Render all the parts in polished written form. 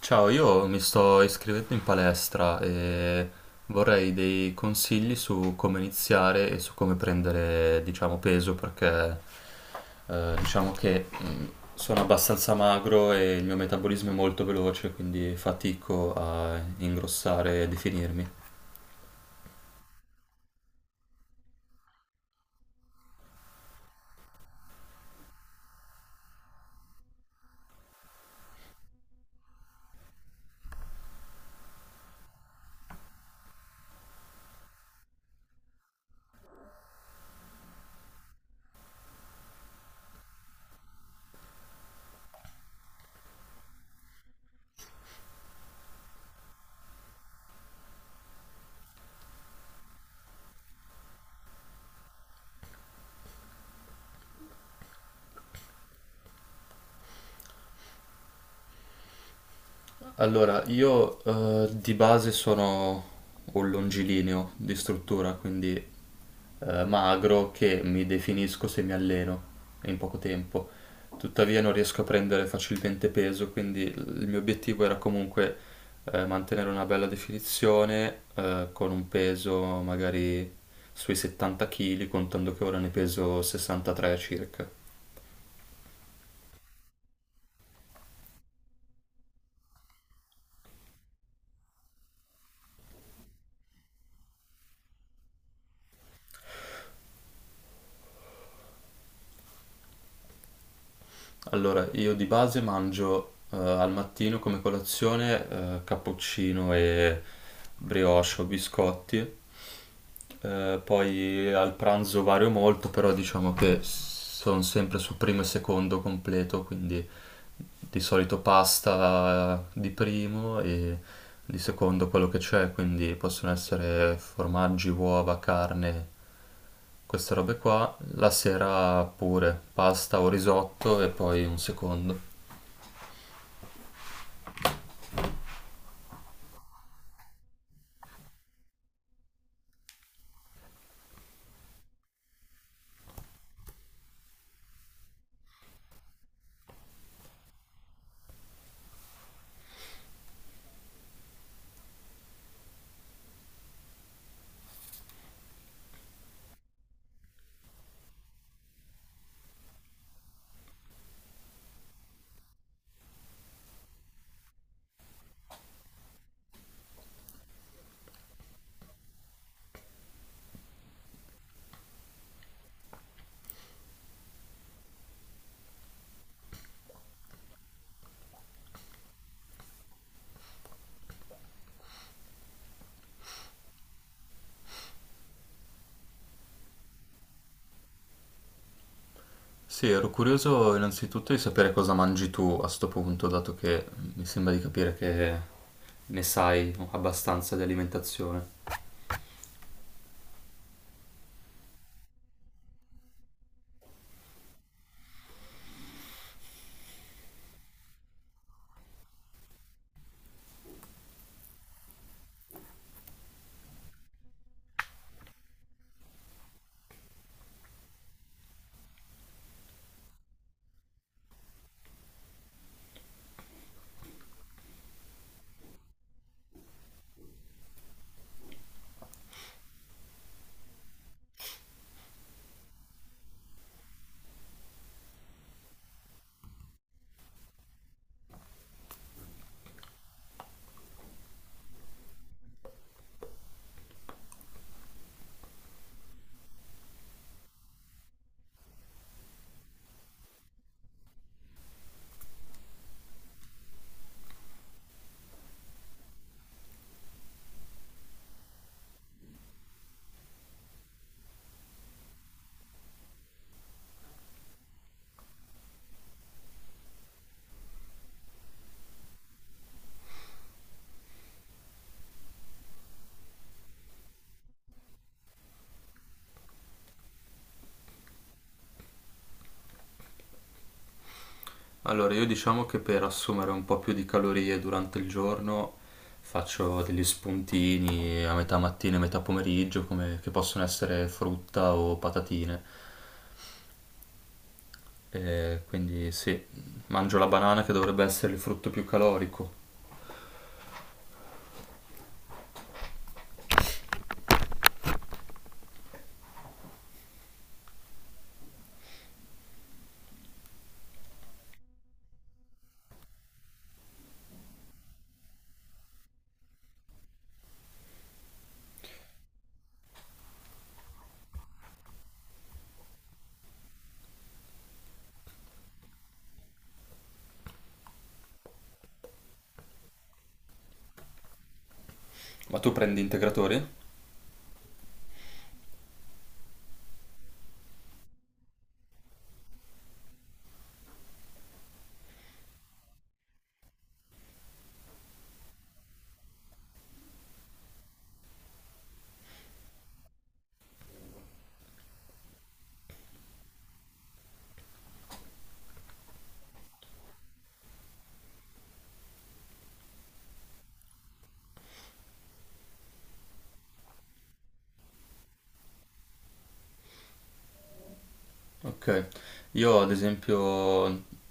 Ciao, io mi sto iscrivendo in palestra e vorrei dei consigli su come iniziare e su come prendere, diciamo, peso perché diciamo che sono abbastanza magro e il mio metabolismo è molto veloce, quindi fatico a ingrossare e definirmi. Allora, io di base sono un longilineo di struttura, quindi magro che mi definisco se mi alleno in poco tempo. Tuttavia non riesco a prendere facilmente peso, quindi il mio obiettivo era comunque mantenere una bella definizione con un peso magari sui 70 kg, contando che ora ne peso 63 circa. Allora, io di base mangio al mattino come colazione cappuccino e brioche o biscotti poi al pranzo vario molto, però diciamo che sono sempre su primo e secondo completo, quindi di solito pasta di primo e di secondo quello che c'è, quindi possono essere formaggi, uova, carne, queste robe qua. La sera pure pasta o risotto e poi un secondo. Sì, ero curioso innanzitutto di sapere cosa mangi tu a sto punto, dato che mi sembra di capire che ne sai abbastanza di alimentazione. Allora, io diciamo che per assumere un po' più di calorie durante il giorno faccio degli spuntini a metà mattina e metà pomeriggio, che possono essere frutta o patatine. E quindi sì, mangio la banana che dovrebbe essere il frutto più calorico. Ma tu prendi integratori? Ok, io ad esempio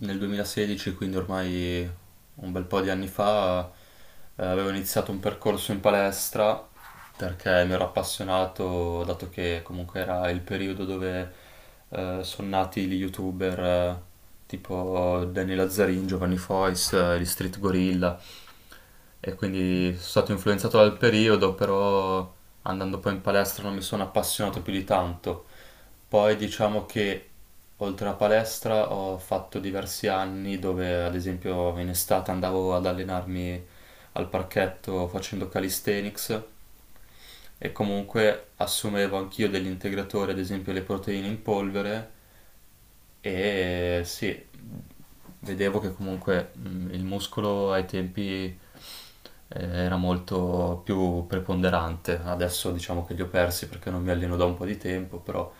nel 2016, quindi ormai un bel po' di anni fa, avevo iniziato un percorso in palestra perché mi ero appassionato, dato che comunque era il periodo dove sono nati gli youtuber tipo Danny Lazzarin, Giovanni Fois, gli Street Gorilla e quindi sono stato influenzato dal periodo, però andando poi in palestra non mi sono appassionato più di tanto. Poi diciamo che oltre alla palestra ho fatto diversi anni dove ad esempio in estate andavo ad allenarmi al parchetto facendo calisthenics e comunque assumevo anch'io degli integratori, ad esempio le proteine in polvere e sì, vedevo che comunque il muscolo ai tempi era molto più preponderante. Adesso diciamo che li ho persi perché non mi alleno da un po' di tempo, però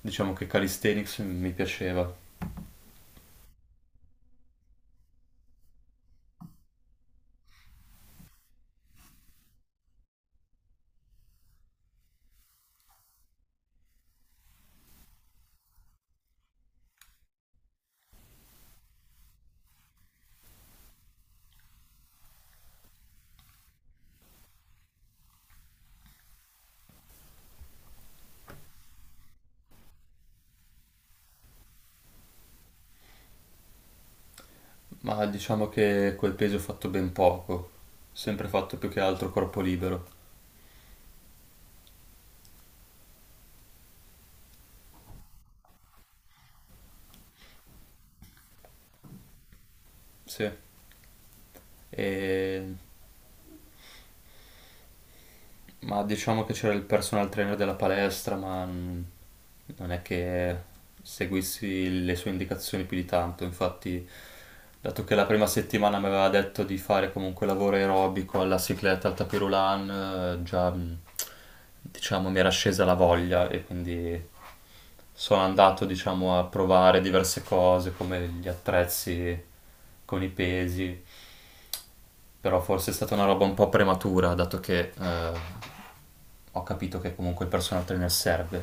diciamo che calisthenics mi piaceva, ma diciamo che quel peso ho fatto ben poco, sempre fatto più che altro corpo libero. Sì. E Ma diciamo che c'era il personal trainer della palestra, ma non è che seguissi le sue indicazioni più di tanto. Infatti, dato che la prima settimana mi aveva detto di fare comunque lavoro aerobico alla cicletta, al tapis roulant, già diciamo mi era scesa la voglia e quindi sono andato diciamo a provare diverse cose come gli attrezzi con i pesi, però forse è stata una roba un po' prematura, dato che ho capito che comunque il personal trainer serve.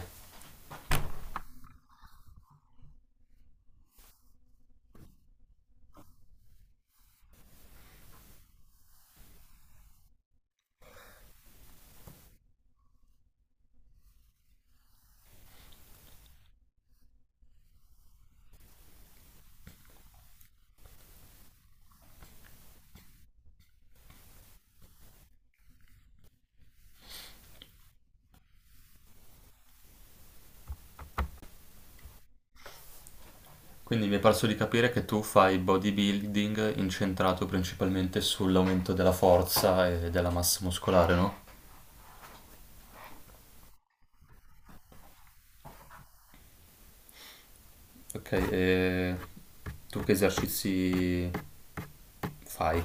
Quindi mi è parso di capire che tu fai bodybuilding incentrato principalmente sull'aumento della forza e della massa muscolare, no? Ok, e tu che esercizi fai?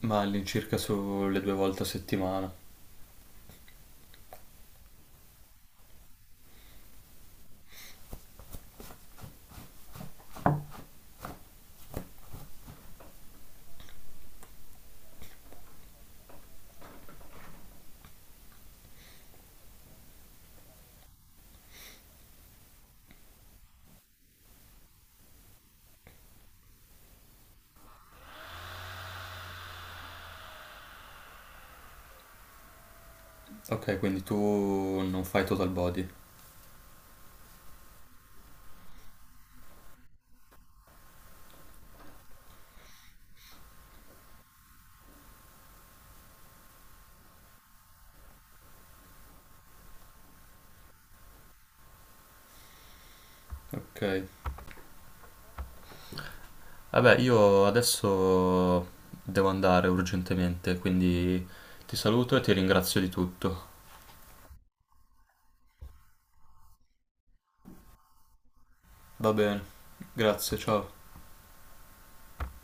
Ma all'incirca sulle due volte a settimana. Ok, quindi tu non fai total body. Ok. Vabbè, io adesso devo andare urgentemente, quindi ti saluto e ti ringrazio di tutto. Va bene, grazie, ciao.